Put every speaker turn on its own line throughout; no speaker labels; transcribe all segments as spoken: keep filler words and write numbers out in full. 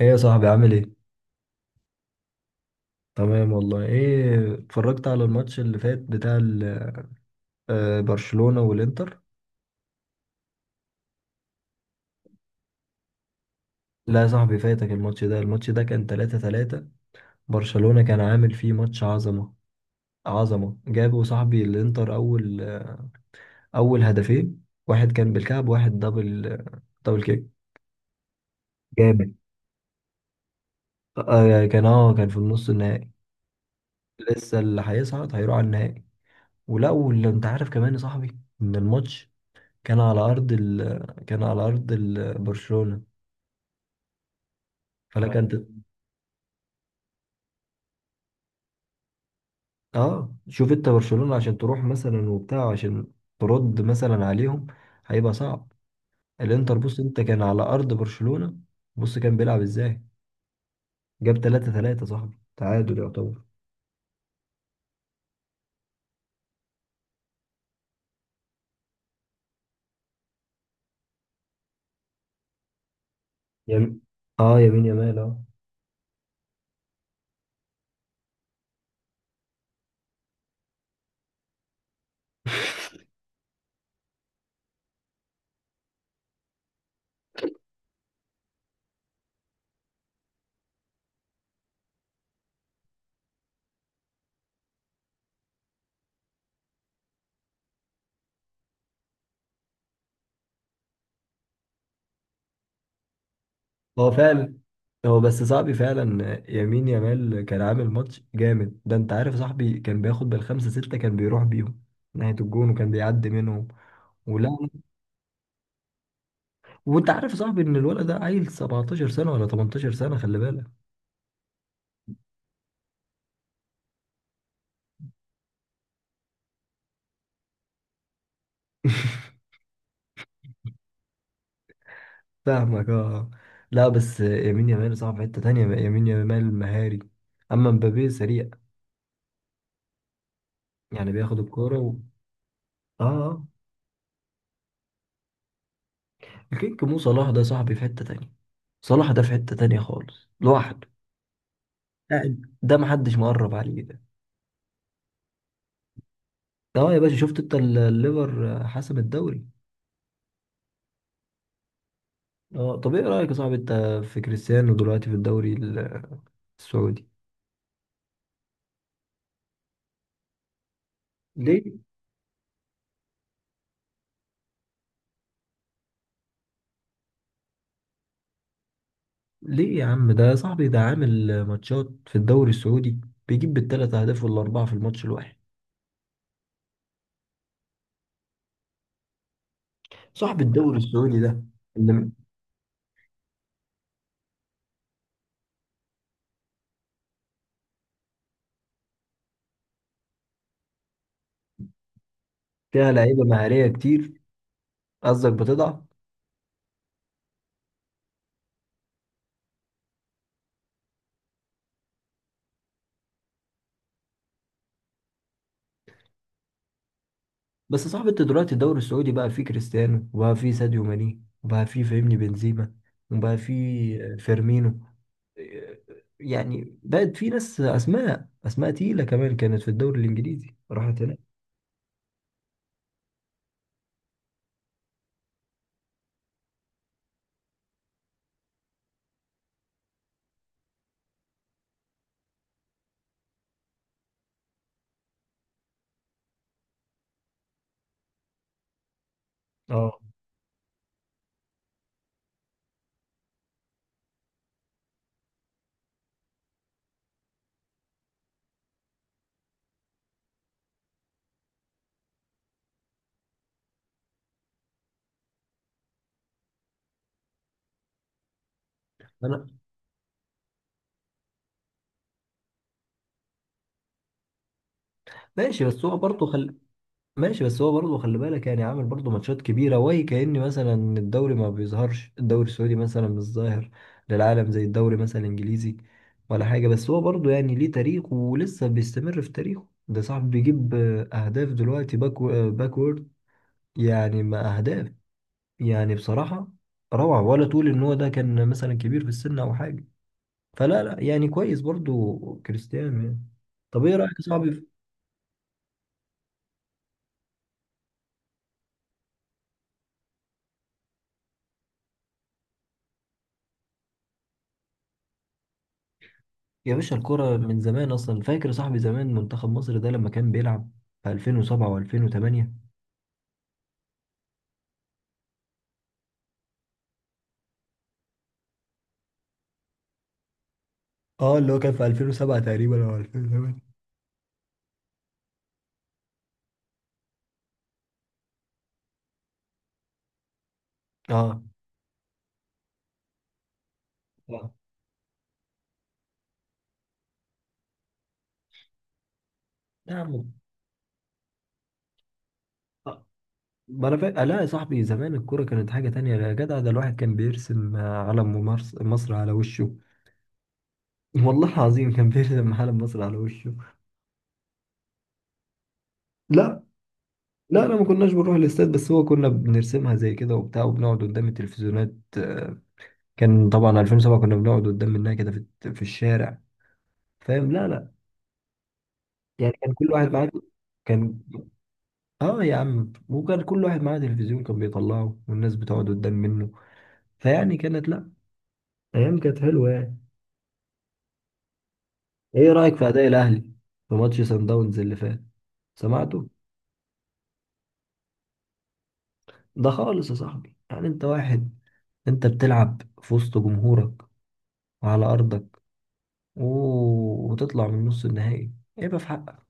ايه يا صاحبي عامل ايه؟ تمام والله ايه اتفرجت على الماتش اللي فات بتاع ال- آه، برشلونة والانتر؟ لا يا صاحبي فاتك الماتش ده الماتش ده كان تلاتة تلاتة. برشلونة كان عامل فيه ماتش عظمة عظمة جابوا صاحبي الانتر اول اول هدفين، واحد كان بالكعب واحد دبل دبل كيك جامد. آه، آه، كان اه كان في النص النهائي. لسه اللي هيصعد هيروح على النهائي. ولا واللي انت عارف كمان يا صاحبي ان الماتش كان على ارض ال... كان على ارض ال... برشلونة. انا تمام كانت. اه شوف انت برشلونة عشان تروح مثلا وبتاع، عشان ترد مثلا عليهم هيبقى صعب. الانتر بص انت كان على ارض برشلونة، بص كان بيلعب ازاي، جاب تلاتة تلاتة صاحبي، تعادل يعتبر. يم... اه يمين يمال. اه، هو فعلا. هو بس صاحبي فعلا يمين يمال كان عامل ماتش جامد، ده انت عارف صاحبي كان بياخد بالخمسة ستة، كان بيروح بيهم ناحية الجون وكان بيعدي منهم ولا. وانت عارف صاحبي ان الولد ده عيل 17 سنة ولا 18 سنة، خلي بالك. فاهمك اه. لا بس يمين يامال صعب في حتة تانية، يمين يامال مهاري، أما مبابي سريع. يعني بياخد الكورة و... اه. آه. الكيك مو صلاح ده صاحبي في حتة تانية، صلاح ده في حتة تانية خالص لوحده قاعد، ده محدش مقرب عليه ده. اه يا باشا شفت انت ال- الليفر حسم الدوري. اه، طب ايه رأيك يا صاحبي انت في كريستيانو دلوقتي في الدوري ال- السعودي؟ ليه؟ ليه يا عم ده، يا صاحبي ده عامل ماتشات في الدوري السعودي، بيجيب بالثلاث اهداف والاربعة في الماتش الواحد. صاحب الدوري السعودي ده اللي فيها لعيبه مهاريه كتير. قصدك بتضعف. بس صاحب انت دلوقتي الدوري السعودي بقى فيه كريستيانو وبقى فيه ساديو ماني وبقى فيه فاهمني بنزيما وبقى فيه فيرمينو، يعني بقت في ناس اسماء، اسماء تقيله كمان كانت في الدوري الانجليزي راحت هناك. اه. انا ماشي بس هو برضه ماشي بس هو برضه خلي بالك، يعني عامل برضه ماتشات كبيرة، وهي كأن مثلا الدوري ما بيظهرش، الدوري السعودي مثلا مش ظاهر للعالم زي الدوري مثلا الإنجليزي ولا حاجة، بس هو برضه يعني ليه تاريخ ولسه بيستمر في تاريخه ده صاحب، بيجيب آه، أهداف دلوقتي باك آه، باكورد يعني. ما أهداف، يعني بصراحة روعة. ولا تقول إن هو ده كان مثلا كبير في السن أو حاجة، فلا لا يعني كويس برضه كريستيانو يعني. طب إيه رأيك صعب. يا باشا الكرة من زمان أصلا، فاكر صاحبي زمان منتخب مصر ده لما كان بيلعب في ألفين وسبعة و2008؟ اه، اللي هو كان في ألفين وسبعة تقريبا او ألفين وتمانية. اه. اه. نعم. آه. ما أنا فاكر. لا يا صاحبي زمان الكرة كانت حاجة تانية يا جدع، ده الواحد كان بيرسم آه، علم ممارس- مصر على وشه. والله العظيم كان بيرسم علم مصر على وشه. لا. لا لا، ما كناش بنروح الاستاد، بس هو كنا بنرسمها زي كده وبتاع وبنقعد قدام التلفزيونات. آه، كان طبعا ألفين وسبعة كنا بنقعد قدام منها كده في في الشارع، فاهم. لا لا. يعني كان كل واحد معاه، كان اه يا عم، وكان كل واحد معاه تلفزيون كان بيطلعه والناس بتقعد قدام منه. فيعني كانت، لا، ايام كانت حلوه يعني. ايه رايك في اداء الاهلي في ماتش سان داونز اللي فات؟ سمعته؟ ده خالص يا صاحبي، يعني انت واحد، انت بتلعب في وسط جمهورك وعلى ارضك و... وتطلع من نص النهائي، ايه بقى في حقك؟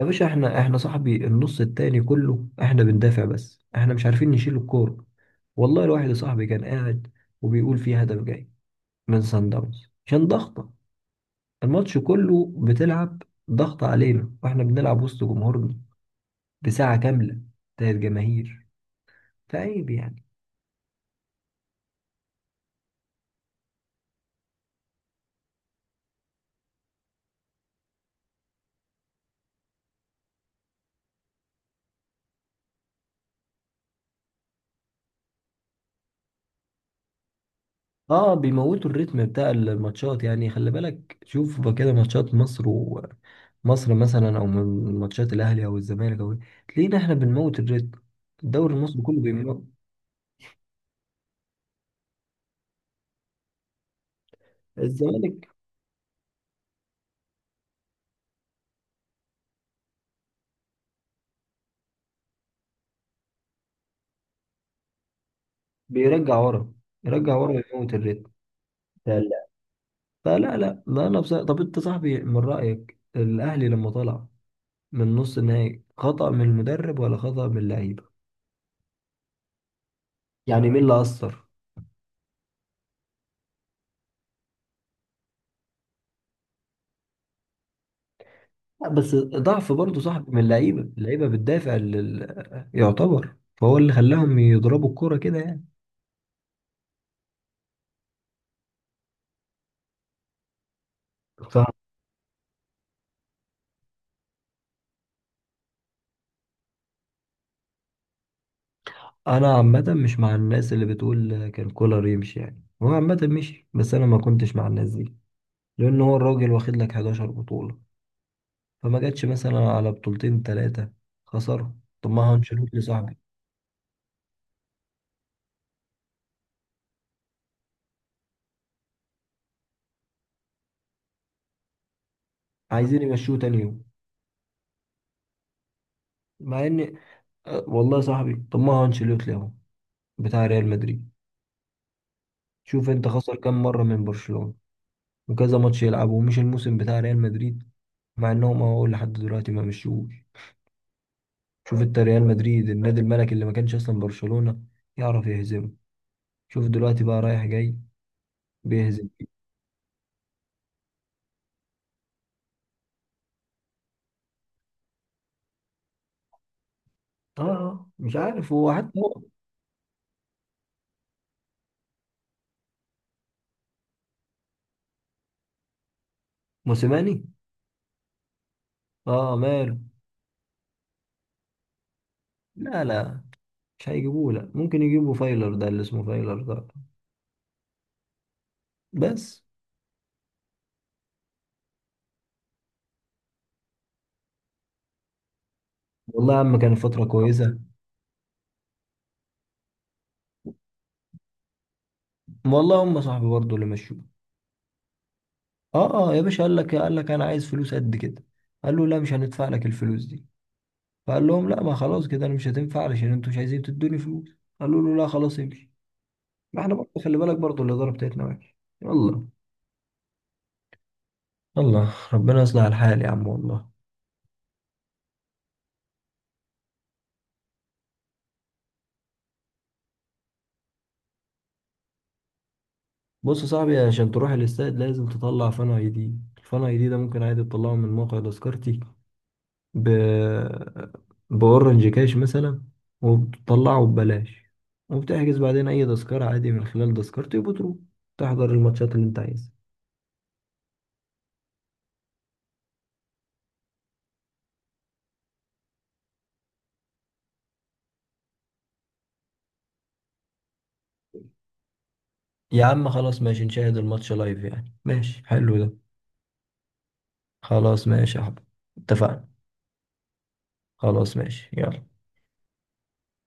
يا باشا احنا احنا صاحبي النص التاني كله احنا بندافع، بس احنا مش عارفين نشيل الكورة. والله الواحد صاحبي كان قاعد وبيقول في هدف جاي من سان داونز عشان ضغطة، الماتش كله بتلعب ضغط علينا واحنا بنلعب وسط جمهورنا بساعة كاملة بتاعت جماهير، فعيب يعني. اه، بيموتوا الريتم بتاع الماتشات يعني، خلي بالك شوف بقى كده ماتشات مصر و مصر مثلا، او من ماتشات الاهلي او الزمالك او إيه، تلاقينا احنا بنموت الريتم، الدوري المصري كله بيموت. الزمالك بيرجع ورا، يرجع ورا ويموت الريتم. لا لا. فلا لا لا، انا بصراحة، طب انت صاحبي من رأيك الاهلي لما طلع من نص النهائي خطأ من المدرب ولا خطأ من اللعيبة؟ يعني مين اللي أثر؟ لا، بس ضعف برضه صاحبي من اللعيبة، اللعيبة بتدافع لل... يعتبر، فهو اللي خلاهم يضربوا الكرة كده يعني. فأنا عامة مش مع الناس اللي بتقول كان كولر يمشي، يعني هو عامة مشي بس أنا ما كنتش مع الناس دي، لأن هو الراجل واخد لك 11 بطولة، فما جاتش مثلا على بطولتين ثلاثة خسروا. طب ما هو انشيلوتي صاحبي. عايزين يمشوه تاني يوم، مع ان. أه، والله يا صاحبي طب ما هو انشيلوتي اهو بتاع ريال مدريد، شوف انت خسر كام مرة من برشلونة وكذا ماتش يلعبه ومش الموسم بتاع ريال مدريد، مع انهم اهو لحد دلوقتي ما مشوش. شوف انت ريال مدريد النادي الملكي اللي ما كانش اصلا برشلونة يعرف يهزمه، شوف دلوقتي بقى رايح جاي بيهزم. اه، آه، مش عارف هو حتى هو. موسيماني. اه ماله؟ لا لا مش هيجيبوه، لا ممكن يجيبوا فايلر ده اللي اسمه فايلر ده بس. والله يا عم كانت فترة كويسة. والله هم صاحبي برضه اللي مشوه. اه. اه يا باشا، قال لك قال لك انا عايز فلوس قد كده، قال له لا مش هندفع لك الفلوس دي. فقال لهم لا، ما خلاص كده انا مش هتنفع علشان انتوا مش عايزين تدوني فلوس. قالوا له لا خلاص امشي. ما احنا برضه خلي بالك برضه الإدارة بتاعتنا وحشة. يلا. يلا ربنا يصلح الحال يا عم والله. بص يا صاحبي عشان تروح الاستاد لازم تطلع فان اي دي. الفان اي دي ده ممكن عادي تطلعه من موقع تذكرتي ب... بأورنج كاش مثلا، وبتطلعه ببلاش، وبتحجز بعدين أي تذكرة عادي من خلال تذكرتي، وبتروح تحضر الماتشات اللي أنت عايزها. يا عم خلاص ماشي، نشاهد الماتش لايف يعني، ماشي حلو ده. خلاص ماشي يا حبيبي، اتفقنا. خلاص ماشي يلا.